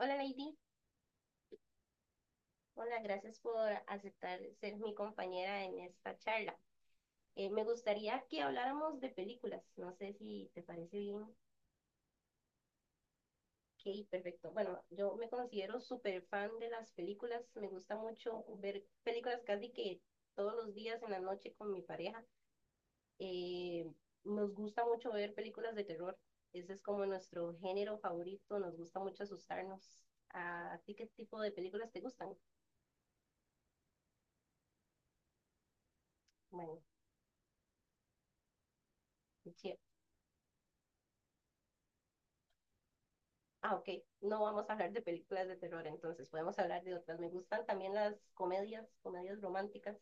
Hola Lady, hola, gracias por aceptar ser mi compañera en esta charla. Me gustaría que habláramos de películas, no sé si te parece bien. Ok, perfecto. Bueno, yo me considero súper fan de las películas, me gusta mucho ver películas casi que todos los días en la noche con mi pareja. Eh, Nos gusta mucho ver películas de terror, ese es como nuestro género favorito, nos gusta mucho asustarnos. ¿A ti qué tipo de películas te gustan? Bueno, qué chévere. Ah, ok. No vamos a hablar de películas de terror, entonces podemos hablar de otras. Me gustan también las comedias, comedias románticas.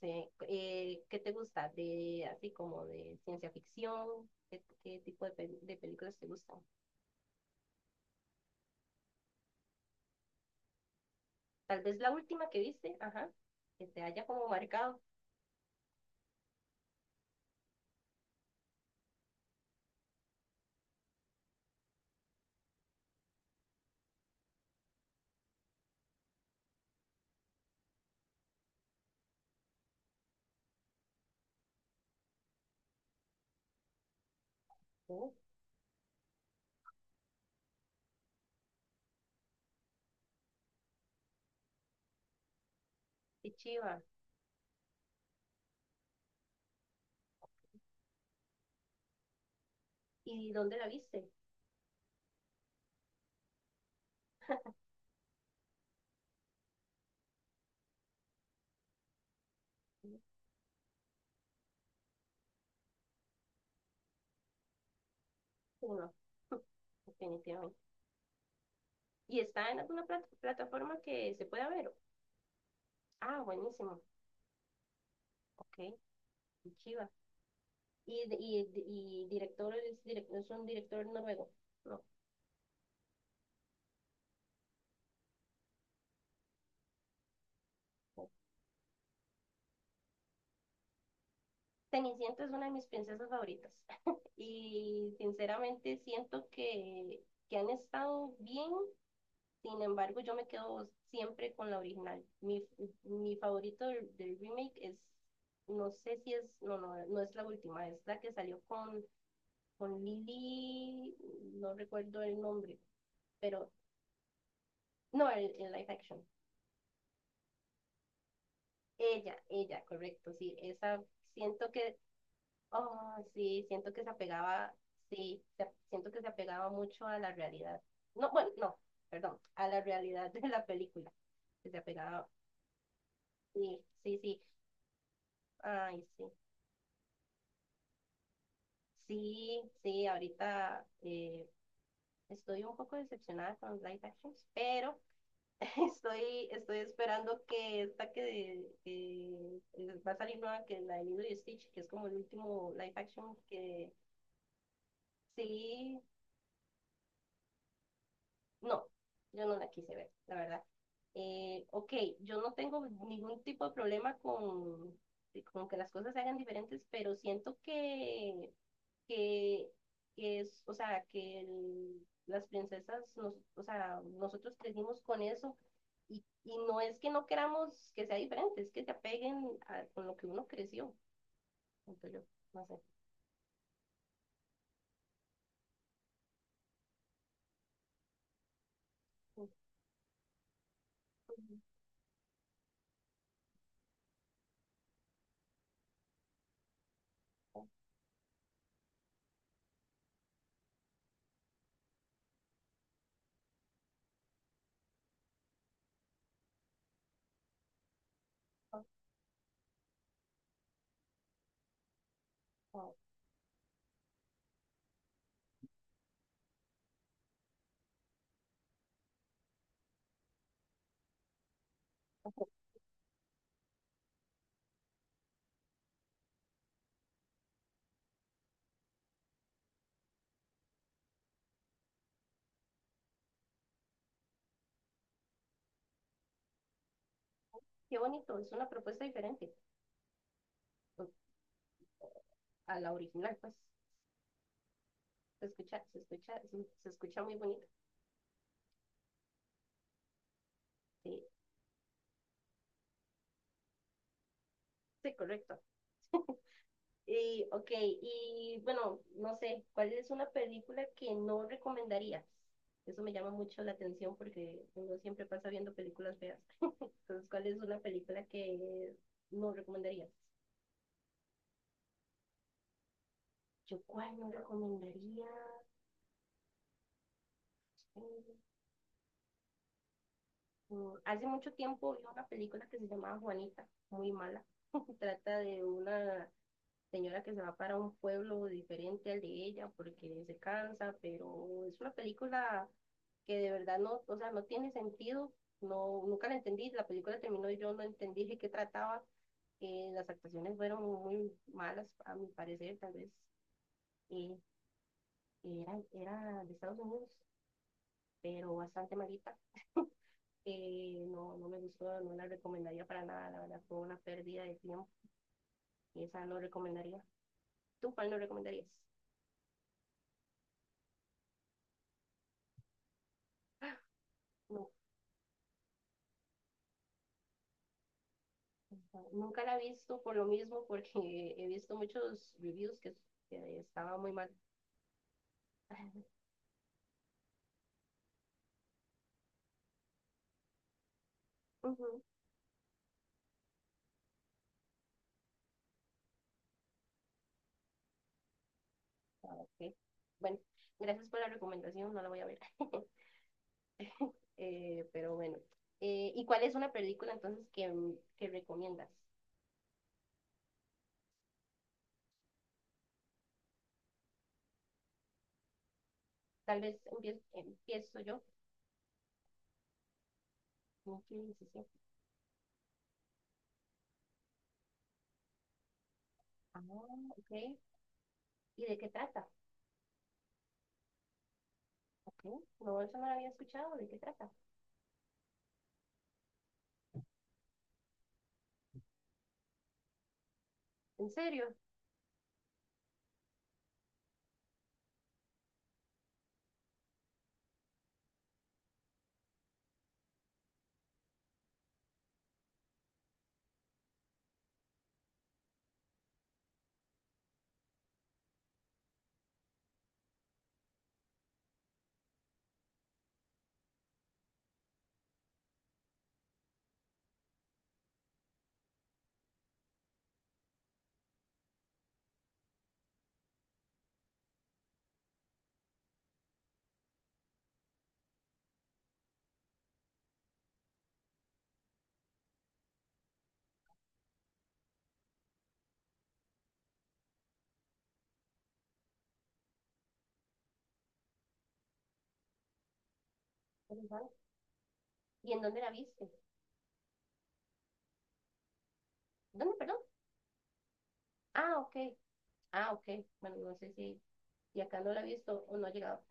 Sí. ¿Qué te gusta? De, así como de ciencia ficción, ¿qué tipo de, de películas te gustan? Tal vez la última que viste, ajá, que te haya como marcado. Oh, qué chiva. ¿Y dónde la viste? Uno, definitivamente. ¿Y está en alguna plataforma que se pueda ver? Ah, buenísimo. Ok, qué chiva. Y director, es, es un director noruego. No. Cenicienta es una de mis princesas favoritas y sinceramente siento que han estado bien, sin embargo yo me quedo siempre con la original. Mi favorito del remake es, no sé si es, no es la última, es la que salió con Lily, no recuerdo el nombre, pero no, el live action. Ella, correcto, sí, esa siento que Oh, sí, siento que se apegaba, sí, siento que se apegaba mucho a la realidad. No, bueno, no, perdón, a la realidad de la película, que se apegaba, sí, sí, sí, ay, sí, sí, sí, ahorita estoy un poco decepcionada con los live actions, pero estoy esperando que esta que va a salir nueva, que es la de Lilo y Stitch, que es como el último live action que... Sí, no, yo no la quise ver, la verdad. Ok, yo no tengo ningún tipo de problema con que las cosas se hagan diferentes, pero siento que, que es, o sea, que las princesas, nos, o sea, nosotros crecimos con eso y no es que no queramos que sea diferente, es que se apeguen a, con lo que uno creció. Entonces yo, no sé. Qué bonito, es una propuesta diferente pues, a la original, pues. Se escucha, se escucha, se escucha muy bonito. Sí, sí, correcto. Y, ok, y bueno, no sé, ¿cuál es una película que no recomendarías? Eso me llama mucho la atención porque uno siempre pasa viendo películas feas. Entonces, ¿cuál es una película que no recomendarías? Yo, ¿cuál no recomendaría? Mm, Hace mucho tiempo vi una película que se llamaba Juanita, muy mala. Trata de una señora que se va para un pueblo diferente al de ella porque se cansa, pero es una película que de verdad no, o sea, no tiene sentido, no, nunca la entendí, la película terminó y yo no entendí de qué trataba, las actuaciones fueron muy malas a mi parecer, tal vez eh, era, era de Estados Unidos, pero bastante malita. No, no me gustó, no la recomendaría para nada, la verdad fue una pérdida de tiempo, esa no recomendaría. ¿Tú cuál no recomendarías? No, nunca la he visto por lo mismo, porque he visto muchos reviews que estaba muy mal. Ujú. Ah, ok. Bueno, gracias por la recomendación, no la voy a ver. Pero bueno, ¿y cuál es una película entonces que, que recomiendas? Tal vez empiezo, empiezo yo. Ok, sí, sí. Ah, ok. ¿Y de qué trata? Ok, no, eso no la había escuchado. ¿De qué trata? ¿En serio? Interesante. ¿Y en dónde la viste? ¿Dónde, perdón? Ah, ok. Ah, ok. Bueno, no sé si y acá no la he visto o no ha llegado.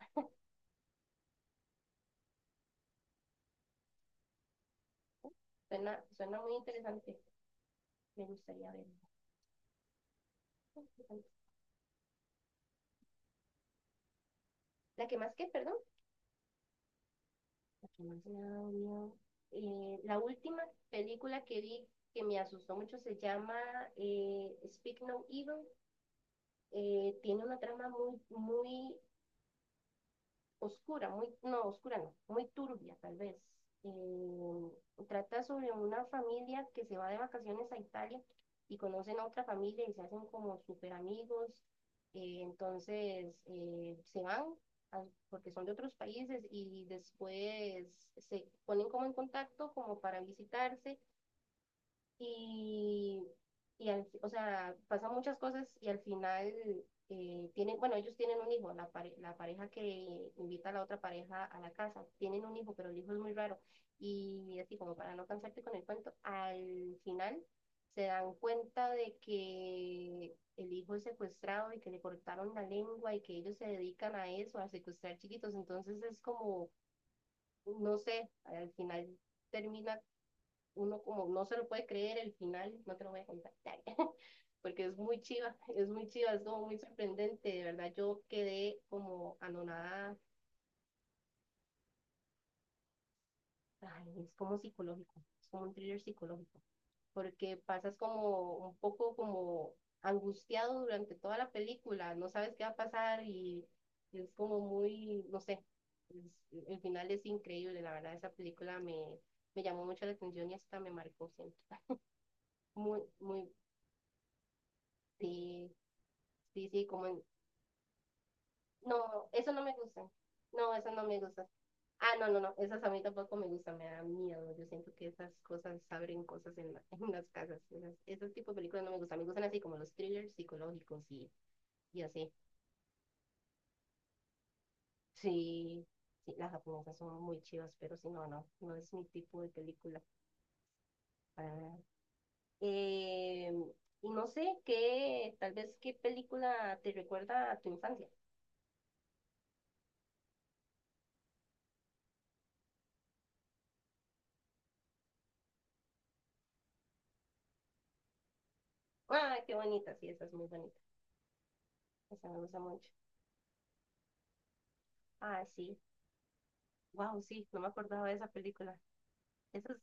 Suena, suena muy interesante, me gustaría verla. La que más qué perdón, la que más me ha dado miedo. La última película que vi que me asustó mucho se llama Speak No Evil. Tiene una trama muy, muy oscura, muy, no, oscura no, muy turbia tal vez. Eh, Trata sobre una familia que se va de vacaciones a Italia y conocen a otra familia y se hacen como super amigos. Entonces se van a- porque son de otros países y después se ponen como en contacto como para visitarse y, y o sea, pasan muchas cosas y al final tienen, bueno, ellos tienen un hijo, la, la pareja que invita a la otra pareja a la casa, tienen un hijo, pero el hijo es muy raro. Y así como para no cansarte con el cuento, al final se dan cuenta de que el hijo es secuestrado y que le cortaron la lengua y que ellos se dedican a eso, a secuestrar chiquitos. Entonces es como, no sé, al final termina uno como no se lo puede creer el final, no te lo voy a contar, porque es muy chiva, es muy chiva, es como muy sorprendente, de verdad yo quedé como anonadada, ay, es como psicológico, es como un thriller psicológico, porque pasas como un poco como angustiado durante toda la película, no sabes qué va a pasar y es como muy, no sé, el final es increíble, la verdad esa película me, me llamó mucho la atención y hasta me marcó, siento. Muy, muy, sí, sí, sí, como en- No, eso no me gusta. No, eso no me gusta. Ah, no, no, no, esas a mí tampoco me gustan, me da miedo. Yo siento que esas cosas abren cosas en, en las casas. Esas, esos tipos de películas no me gustan. Me gustan así como los thrillers psicológicos y así. Sí, sí, las japonesas son muy chivas, pero sí, no, no, no es mi tipo de película para nada. Eh, y no sé qué, tal vez qué película te recuerda a tu infancia. Ah, qué bonita, sí, esa es muy bonita. Esa me gusta mucho. Ah, sí. Wow, sí, no me acordaba de esa película. Esa es,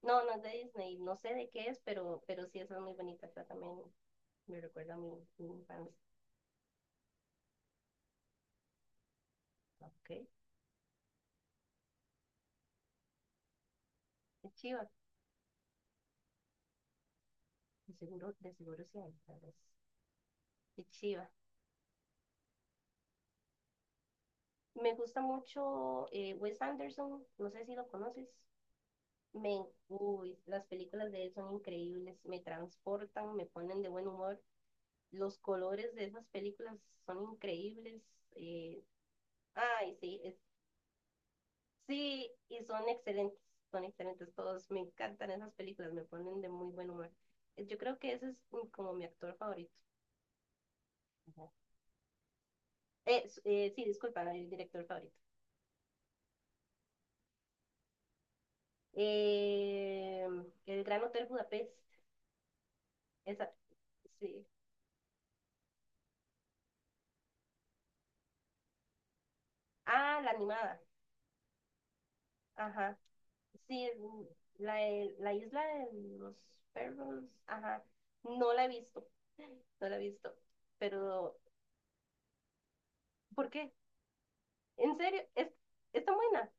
no, no es de Disney, no sé de qué es, pero sí, esa es muy bonita. Esa también me recuerda a mi, mi infancia. Ok, qué chiva. De seguro sí hay, tal vez. Qué chiva. Me gusta mucho Wes Anderson, no sé si lo conoces. Me, uy, las películas de él son increíbles, me transportan, me ponen de buen humor. Los colores de esas películas son increíbles. eh, Ay, sí, es sí, y son excelentes todos. Me encantan esas películas, me ponen de muy buen humor. Yo creo que ese es como mi actor favorito. Ujú. Sí, disculpa, no, el director favorito. Eh, el Gran Hotel Budapest, esa, sí. Ah, la animada, ajá. Sí, la, la isla de los perros, ajá. No la he visto, no la he visto. Pero, ¿por qué? ¿En serio? ¿Es, está buena?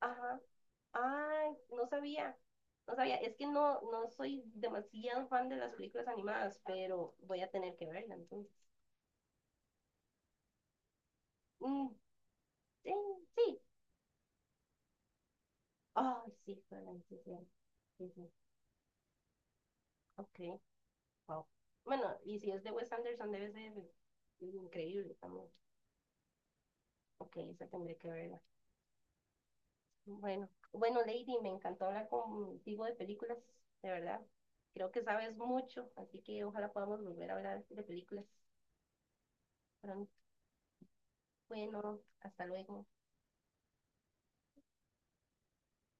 Ajá. Ah, no sabía. No sabía. Es que no, no soy demasiado fan de las películas animadas, pero voy a tener que verla entonces. Mm, sí, sí. Ay, sí, fue la decisión. Sí, sí. Ok, wow. Bueno, y si es de Wes Anderson, debe ser increíble también. Ok, esa tendré que verla. Bueno, bueno, Lady, me encantó hablar contigo de películas, de verdad. Creo que sabes mucho, así que ojalá podamos volver a hablar de películas pronto. Bueno, hasta luego.